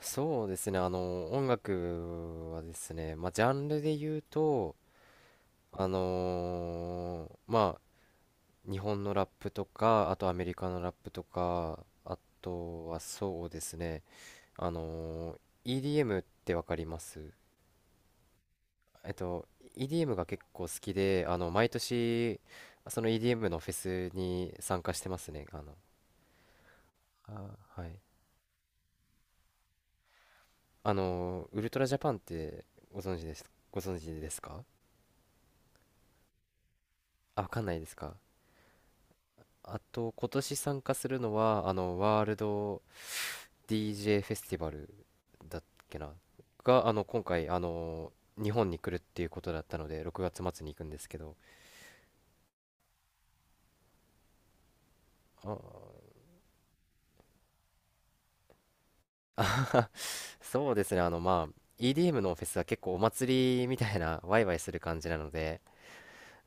そうですね、音楽はですね、まあ、ジャンルで言うと、まあ、日本のラップとか、あとアメリカのラップとか、あとはそうですね、あのー EDM ってわかります？えっと、EDM が結構好きで、毎年、その EDM のフェスに参加してますね。あ、はい。ウルトラジャパンってご存知です、ご存知ですか？あ、わかんないですか？あと、今年参加するのは、ワールド DJ フェスティバルだっけな、が、今回、日本に来るっていうことだったので、6月末に行くんですけど。ああ、 そうですね、まあ、EDM のフェスは結構お祭りみたいな、ワイワイする感じなので、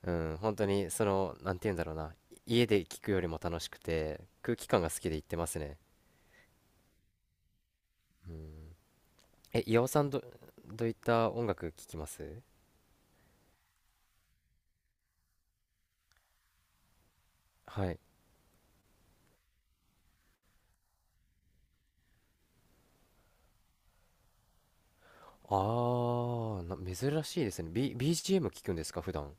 うん、本当に、なんて言うんだろうな、家で聞くよりも楽しくて、空気感が好きで行ってますね。うん。え、岩尾さんどういった音楽聴きます？はい。ああ、珍しいですね。BGM 聞くんですか、普段。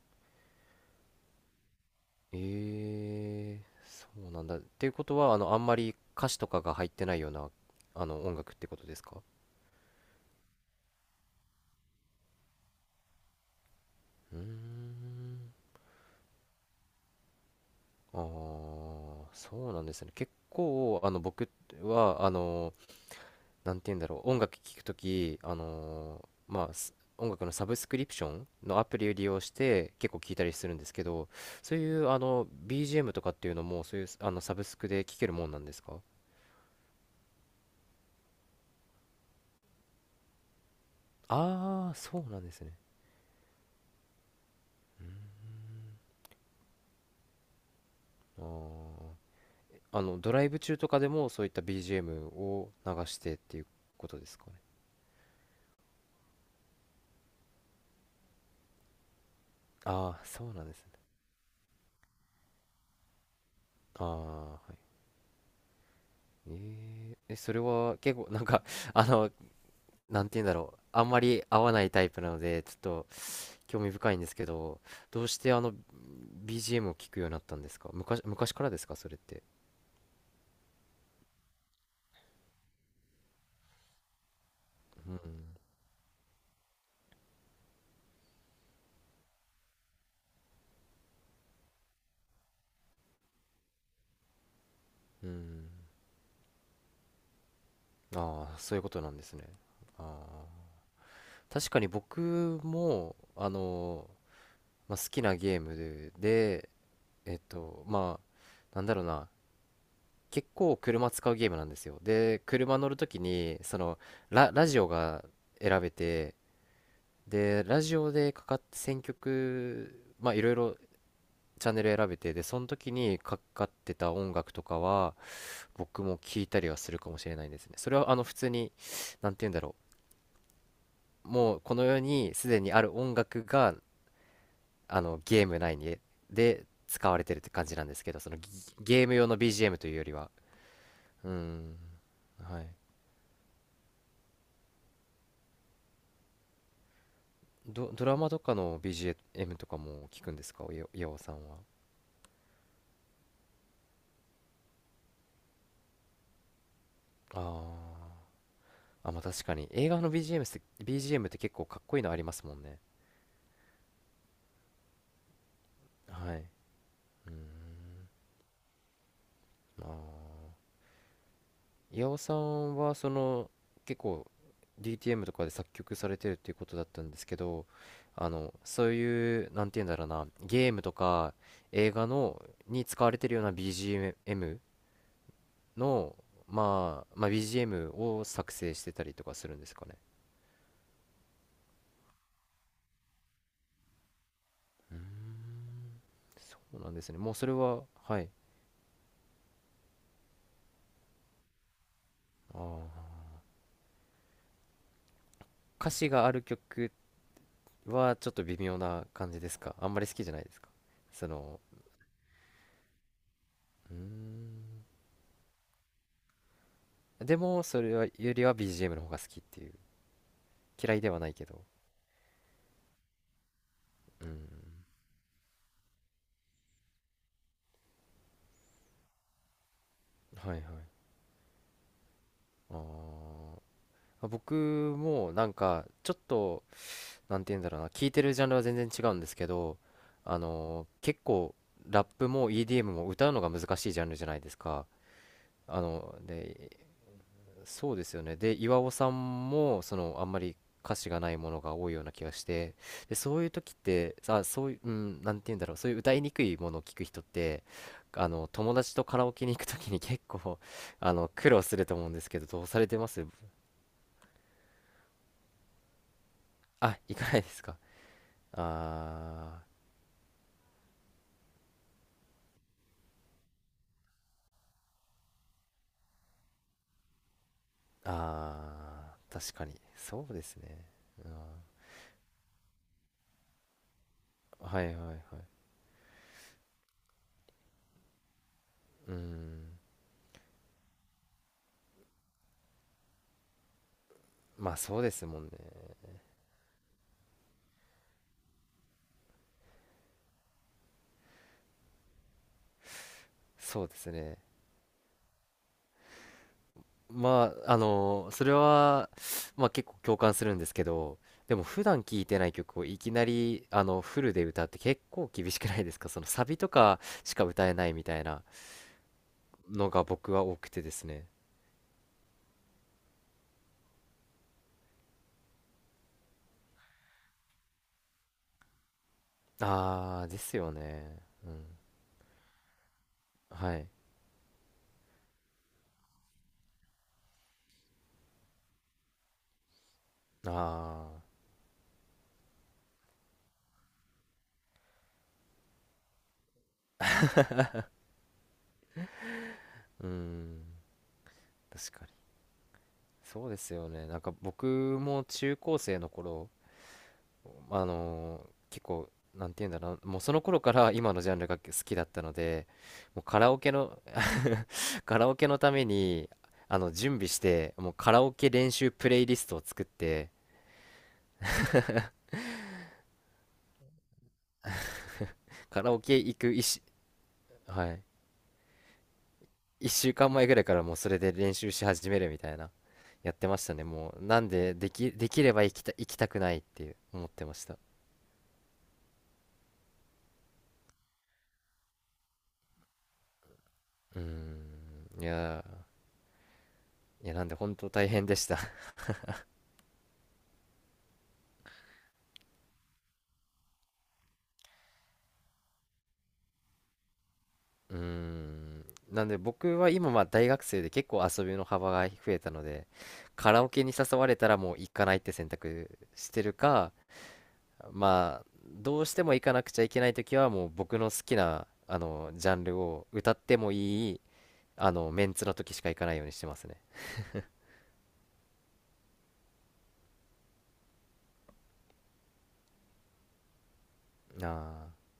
ええ、そうなんだ。っていうことは、あんまり歌詞とかが入ってないような、音楽ってことですか？うーん。ああ、そうなんですね。結構、僕は、なんて言うんだろう、音楽聴くとき、まあ、音楽のサブスクリプションのアプリを利用して結構聴いたりするんですけど、そういうBGM とかっていうのも、そういうサブスクで聴けるもんなんですか？ああー、そうなんですね。あードライブ中とかでもそういった BGM を流してっていうことですかね。ああ、そうなんですね。ああ、はい。えーえ、それは結構なんか あの、なんて言うんだろう。あんまり合わないタイプなので、ちょっと興味深いんですけど、どうしてBGM を聞くようになったんですか？昔からですか、それって？うん。うん。ああ、そういうことなんですね。ああ。確かに僕も、まあ、好きなゲームで、まあ、なんだろうな。結構車使うゲームなんですよ。で、車乗るときに、ラジオが選べて、で、ラジオでかかって選曲、まあいろいろチャンネル選べて、で、その時にかかってた音楽とかは、僕も聞いたりはするかもしれないですね。それは、普通に、なんて言うんだろう。もう、この世にすでにある音楽が、ゲーム内に、で、使われてるって感じなんですけど、その、ゲーム用の BGM というよりは。うーん。はい。ドラマとかの BGM とかも聞くんですか、岩尾さんは？ああ。あ、まあ確かに。映画の BGM って、BGM って結構かっこいいのありますもんね。はい。うーん。あー岩尾さんはその結構 DTM とかで作曲されてるっていうことだったんですけど、そういう、なんて言うんだろうな、ゲームとか映画のに使われてるような BGM の、まあ、まあ、BGM を作成してたりとかするんですかね？うん。そうなんですね。もうそれは、はい。あー歌詞がある曲はちょっと微妙な感じですか？あんまり好きじゃないですか、その？うーん。でもそれはよりは BGM の方が好きっていう、嫌いではないけど？うん、はいはい。あー、僕もなんかちょっと、なんて言うんだろうな、聞いてるジャンルは全然違うんですけど、結構ラップも EDM も歌うのが難しいジャンルじゃないですか？でそうですよね。で、岩尾さんも、あんまり歌詞がないものが多いような気がして、で、そういう時って、そういう、うん、なんて言うんだろう、そういう歌いにくいものを聞く人って、友達とカラオケに行く時に結構、苦労すると思うんですけど、どうされてます？あ、行かないですか？あー、あー、確かに。そうですね。うん、はいはいはい。うん。まあそうですもんね。そうですね。まあ、それは、まあ結構共感するんですけど、でも普段聴いてない曲をいきなり、フルで歌うって結構厳しくないですか？ そのサビとかしか歌えないみたいなのが僕は多くてですね。ああ、ですよね。うん。はい。ああ、うん。確かに。そうですよね。なんか僕も中高生の頃、結構、なんて言うんだろう、もうその頃から今のジャンルが好きだったので、もうカラオケのために準備して、もうカラオケ練習プレイリストを作って、カラオケ行くはい、1週間前ぐらいからもうそれで練習し始めるみたいな、やってましたね。もうなんで、できれば行きたくないっていう思ってました。うーん、いやー、いや、なんで本当大変でした。 うーん、なんで僕は今まあ大学生で結構遊びの幅が増えたので、カラオケに誘われたらもう行かないって選択してるか、まあどうしても行かなくちゃいけない時はもう僕の好きなあのジャンルを歌ってもいいあのメンツの時しか行かないようにしてますね。ああ、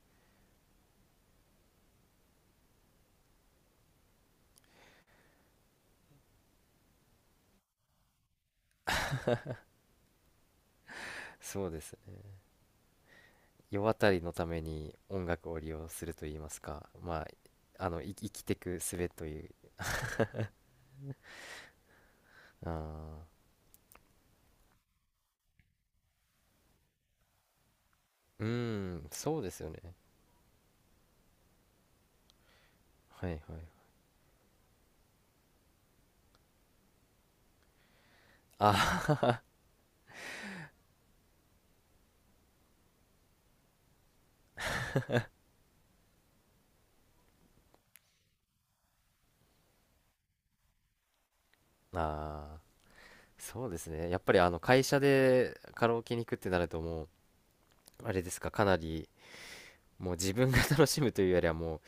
そうですね。世渡りのために音楽を利用すると言いますか、まあ、あのい生きてく術という。ああ、うーん、そうですよね。はいはい。ああ、そうですね。やっぱり会社でカラオケに行くってなるともうあれですか、かなりもう自分が楽しむというよりは、もう、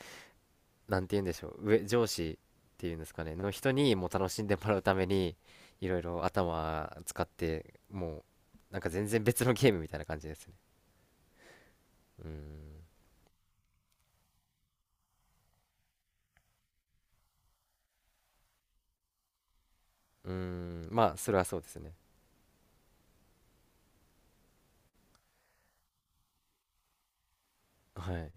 なんて言うんでしょう、上司っていうんですかね、の人にもう楽しんでもらうために、いろいろ頭使って、もう、なんか全然別のゲームみたいな感じですね。うん。うーん、まあ、それはそうですね。はい。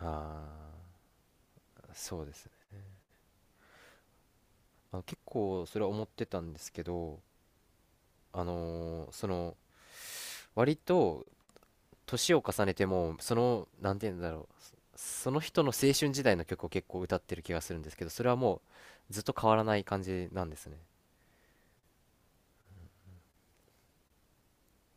ああ、そうですね。まあ、結構、それは思ってたんですけど、あのーその、割と、年を重ねても、なんて言うんだろう、その人の青春時代の曲を結構歌ってる気がするんですけど、それはもう、ずっと変わらない感じなんですね。